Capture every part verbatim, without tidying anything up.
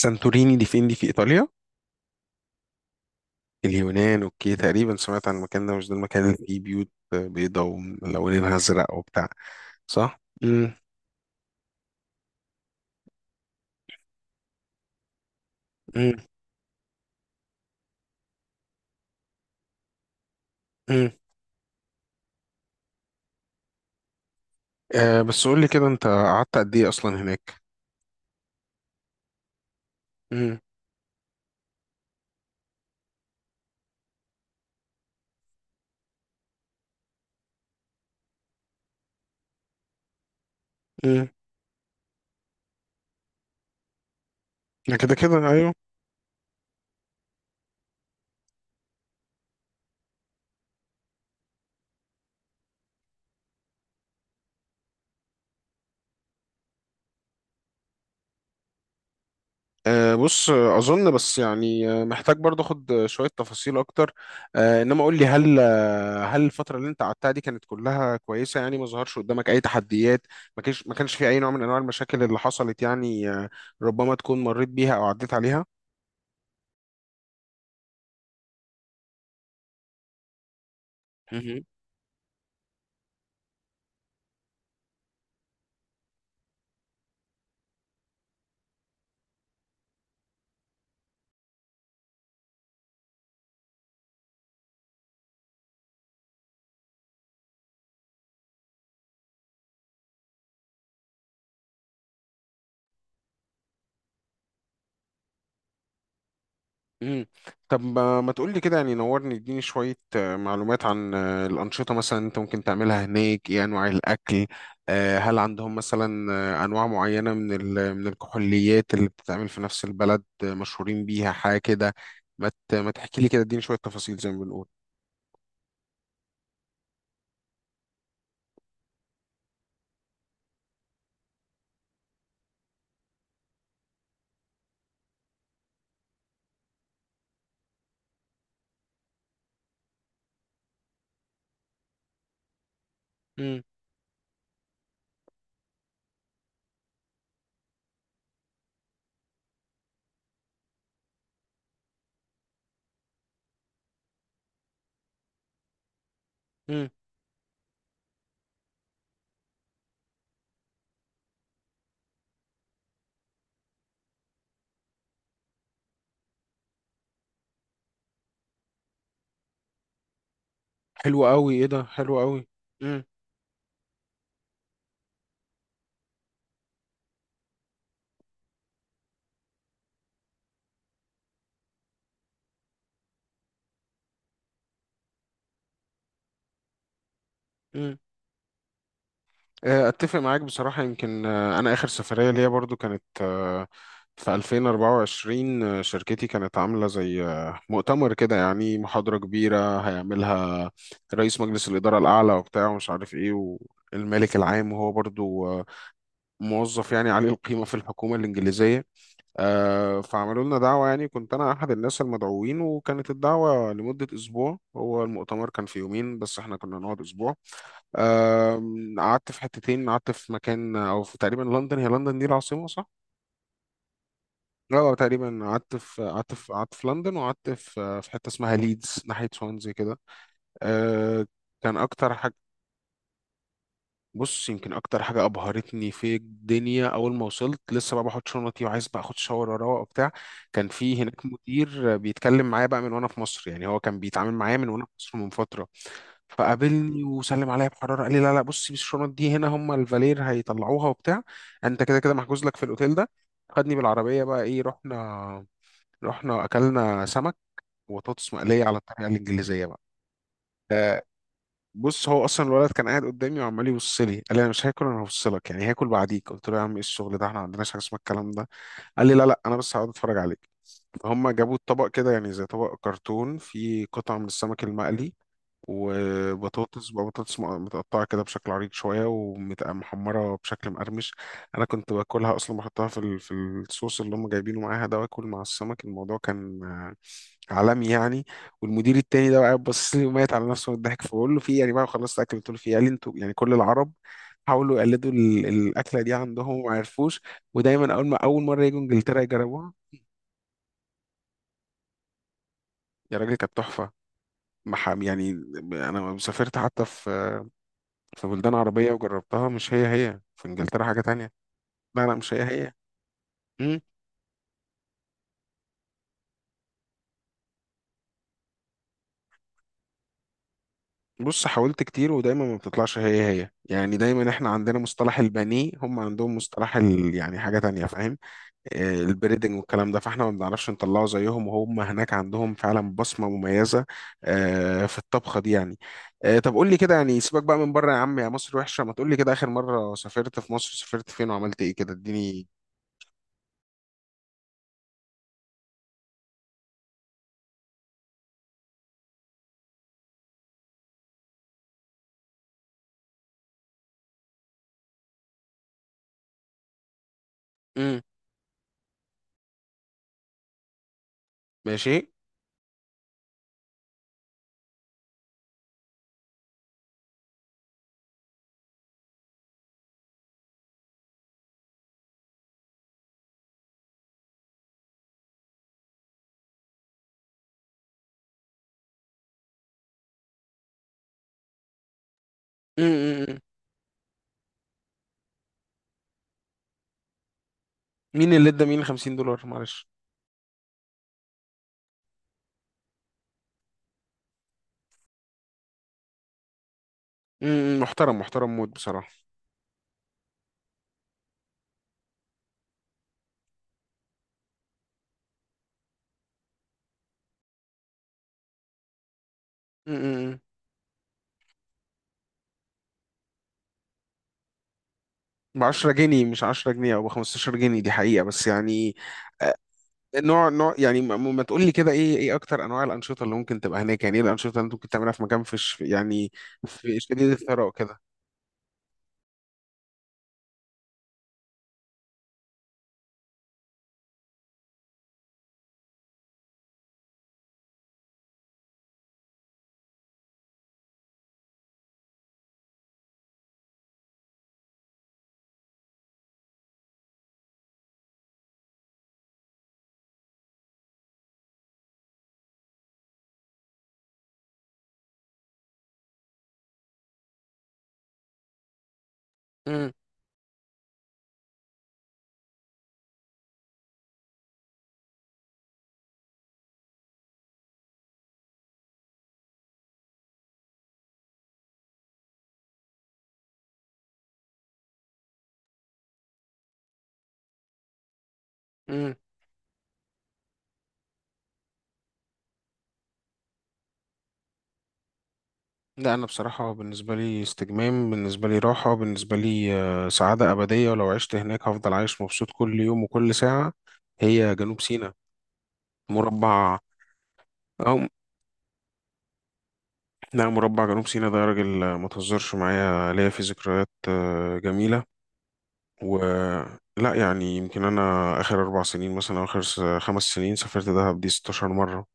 سانتوريني دي فين؟ دي في إيطاليا؟ اليونان، أوكي. تقريبا سمعت عن المكان ده. مش ده المكان اللي فيه بيوت بيضاء وملونينها أزرق وبتاع؟ صح؟ مم. مم. مم. آه، بس قول لي كده، أنت قعدت قد إيه أصلا هناك؟ مم. مم. ده كده كده أيوه. آه بص آه، أظن بس يعني آه، محتاج برضه أخد آه، شوية تفاصيل أكتر. آه، إنما قول لي، هل هل الفترة اللي انت قعدتها دي كانت كلها كويسة؟ يعني ما ظهرش قدامك أي تحديات؟ ما كانش ما كانش في أي نوع من أنواع المشاكل اللي حصلت يعني آه، ربما تكون مريت بيها أو عديت عليها؟ مهم. مم. طب ما ما تقولي كده، يعني نورني، اديني شوية آه، معلومات عن آه، الأنشطة مثلا أنت ممكن تعملها هناك. إيه أنواع الأكل؟ آه، هل عندهم مثلا آه، أنواع معينة من ال- من الكحوليات اللي بتتعمل في نفس البلد آه، مشهورين بيها حاجة كده؟ ما ت- ما تحكي لي كده، اديني شوية تفاصيل زي ما بنقول. مم. مم. حلو قوي. ايه ده، حلو قوي. امم. امم. اتفق معاك بصراحه. يمكن آه، انا اخر سفريه ليا برضو كانت آه، في ألفين وأربعة وعشرين. آه، شركتي كانت عامله زي آه، مؤتمر كده، يعني محاضره كبيره هيعملها رئيس مجلس الاداره الاعلى وبتاع ومش عارف ايه، والمالك العام، وهو برضو آه، موظف يعني عالي القيمه في الحكومه الانجليزيه. آه، فعملوا لنا دعوه، يعني كنت انا احد الناس المدعوين، وكانت الدعوه لمده اسبوع. هو المؤتمر كان في يومين بس احنا كنا نقعد اسبوع. آم، قعدت في حتتين. قعدت في مكان او في تقريبا لندن. هي لندن دي العاصمه صح؟ اه، تقريبا قعدت في قعدت في قعدت في لندن، وقعدت في في حته اسمها ليدز ناحيه سوانزي كده. آه، كان اكتر حاجه، بص، يمكن اكتر حاجه ابهرتني في الدنيا، اول ما وصلت لسه بقى بحط شنطي وعايز بقى اخد شاور اروق وبتاع، كان في هناك مدير بيتكلم معايا بقى من وانا في مصر. يعني هو كان بيتعامل معايا من وانا في مصر من فتره. فقابلني وسلم عليا بحراره، قال لي: لا لا، بصي الشنط دي هنا هم الفالير هيطلعوها وبتاع، انت كده كده محجوز لك في الاوتيل ده. خدني بالعربيه بقى، ايه، رحنا رحنا اكلنا سمك وبطاطس مقليه على الطريقه الانجليزيه بقى. آه، بص، هو اصلا الولد كان قاعد قدامي وعمال يبص لي. قال لي: انا مش هاكل، انا هفصلك يعني، هاكل بعديك. قلت له: يا عم ايه الشغل ده، احنا ما عندناش حاجه اسمها الكلام ده. قال لي: لا لا، انا بس هقعد اتفرج عليك. فهم جابوا الطبق كده، يعني زي طبق كرتون، فيه قطعه من السمك المقلي وبطاطس بقى، بطاطس م- متقطعة كده بشكل عريض شوية ومحمرة بشكل مقرمش. أنا كنت باكلها أصلا، بحطها في ال- في الصوص اللي هم جايبينه معاها ده، وآكل مع السمك. الموضوع كان آه، عالمي يعني. والمدير التاني ده بقى قاعد باصص لي وميت على نفسه من الضحك، فبقول له: في إيه يعني؟ بقى خلصت أكل، قلت له: في إيه؟ قال لي: أنتوا يعني كل العرب حاولوا يقلدوا ال- الأكلة دي عندهم وما عرفوش، ودايما أول ما أول مرة يجوا إنجلترا يجربوها. يا راجل كانت تحفة، محام يعني. أنا سافرت حتى في في بلدان عربية وجربتها، مش هي هي. في انجلترا حاجة تانية. لا لا، مش هي هي. مم. بص، حاولت كتير ودايما ما بتطلعش هي هي. يعني دايما احنا عندنا مصطلح البانيه، هم عندهم مصطلح ال... يعني حاجة تانية، فاهم؟ آه، البريدنج والكلام ده، فاحنا ما بنعرفش نطلعه زيهم، وهم هناك عندهم فعلا بصمة مميزة آه، في الطبخة دي يعني. آه، طب قول لي كده، يعني سيبك بقى من بره، يا عم يا مصر وحشة، ما تقول لي كده، آخر مرة سافرت في مصر سافرت فين وعملت ايه كده، اديني. امم. ماشي. مين اللي ادى مين خمسين دولار؟ معلش. امم. محترم، محترم موت بصراحة. امم. ب عشرة جنيه؟ مش عشرة جنيه او ب خمسة عشر جنيه دي حقيقة، بس يعني آه، نوع نوع يعني، ما ما تقول لي كده ايه، ايه اكتر انواع الانشطة اللي ممكن تبقى هناك؟ يعني ايه الانشطة اللي انت ممكن تعملها في مكان فيش يعني في شديد الثراء كده؟ امم. امم. لا، انا بصراحة بالنسبة لي استجمام، بالنسبة لي راحة، بالنسبة لي آه، سعادة أبدية. ولو عشت هناك هفضل عايش مبسوط كل يوم وكل ساعة. هي جنوب سيناء مربع. اه لا، مربع جنوب سيناء ده يا راجل آه، ما تهزرش معايا، ليا فيه ذكريات آه، جميلة. و لا يعني، يمكن أنا آخر أربع سنين مثلا أو آخر س- خمس سنين سافرت دهب دي ستة عشر مرة.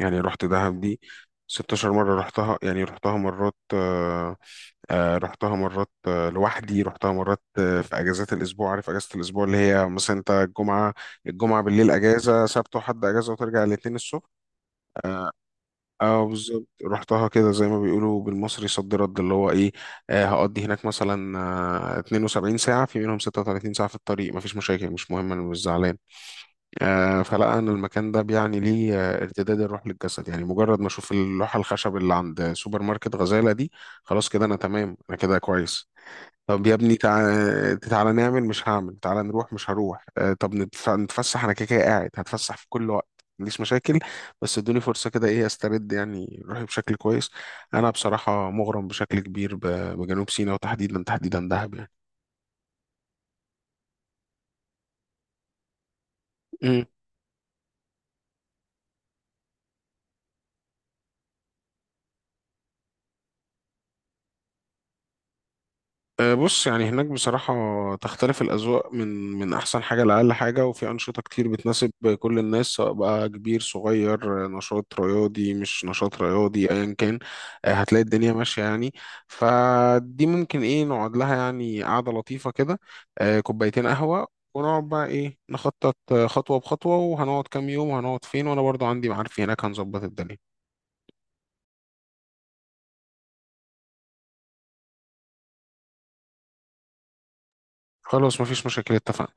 يعني رحت دهب دي ستة عشر مرة. رحتها يعني رحتها مرات آه، آه، رحتها مرات آه، لوحدي، رحتها مرات آه، في اجازات الاسبوع. عارف اجازه الاسبوع اللي هي مثلا انت الجمعه الجمعه بالليل اجازه، سبت وحد اجازه، وترجع الاثنين الصبح. اه بالظبط، رحتها كده زي ما بيقولوا بالمصري صد رد، اللي هو ايه، آه، هقضي هناك مثلا آه اتنين وسبعين ساعة، في منهم ستة وتلاتين ساعة في الطريق، مفيش مشاكل، مش مهم، انا مش زعلان. آه، فلا، انا المكان ده بيعني لي آه ارتداد الروح للجسد، يعني مجرد ما اشوف اللوحة الخشب اللي عند سوبر ماركت غزالة دي، خلاص كده انا تمام، انا كده كويس. طب يا ابني، تعالى تعالى نعمل، مش هعمل، تعالى نروح، مش هروح، آه، طب نتف- نتفسح، انا كده كده قاعد هتفسح في كل وقت، ما عنديش مشاكل، بس ادوني فرصة كده ايه استرد يعني روحي بشكل كويس. انا بصراحة مغرم بشكل كبير ب- بجنوب سيناء، وتحديدا تحديدا دهب يعني. أه، بص، يعني هناك بصراحة تختلف الأذواق من من أحسن حاجة لأقل حاجة، وفي أنشطة كتير بتناسب كل الناس، سواء بقى كبير صغير، نشاط رياضي مش نشاط رياضي، أيا كان. أه، هتلاقي الدنيا ماشية يعني. فدي ممكن إيه، نقعد لها يعني قعدة لطيفة كده، أه، كوبايتين قهوة، ونقعد بقى إيه نخطط، أه، خطوة بخطوة، وهنقعد كام يوم وهنقعد فين، وأنا برضو عندي معارفي هناك هنظبط الدنيا. خلاص، مفيش مشاكل، اتفقنا.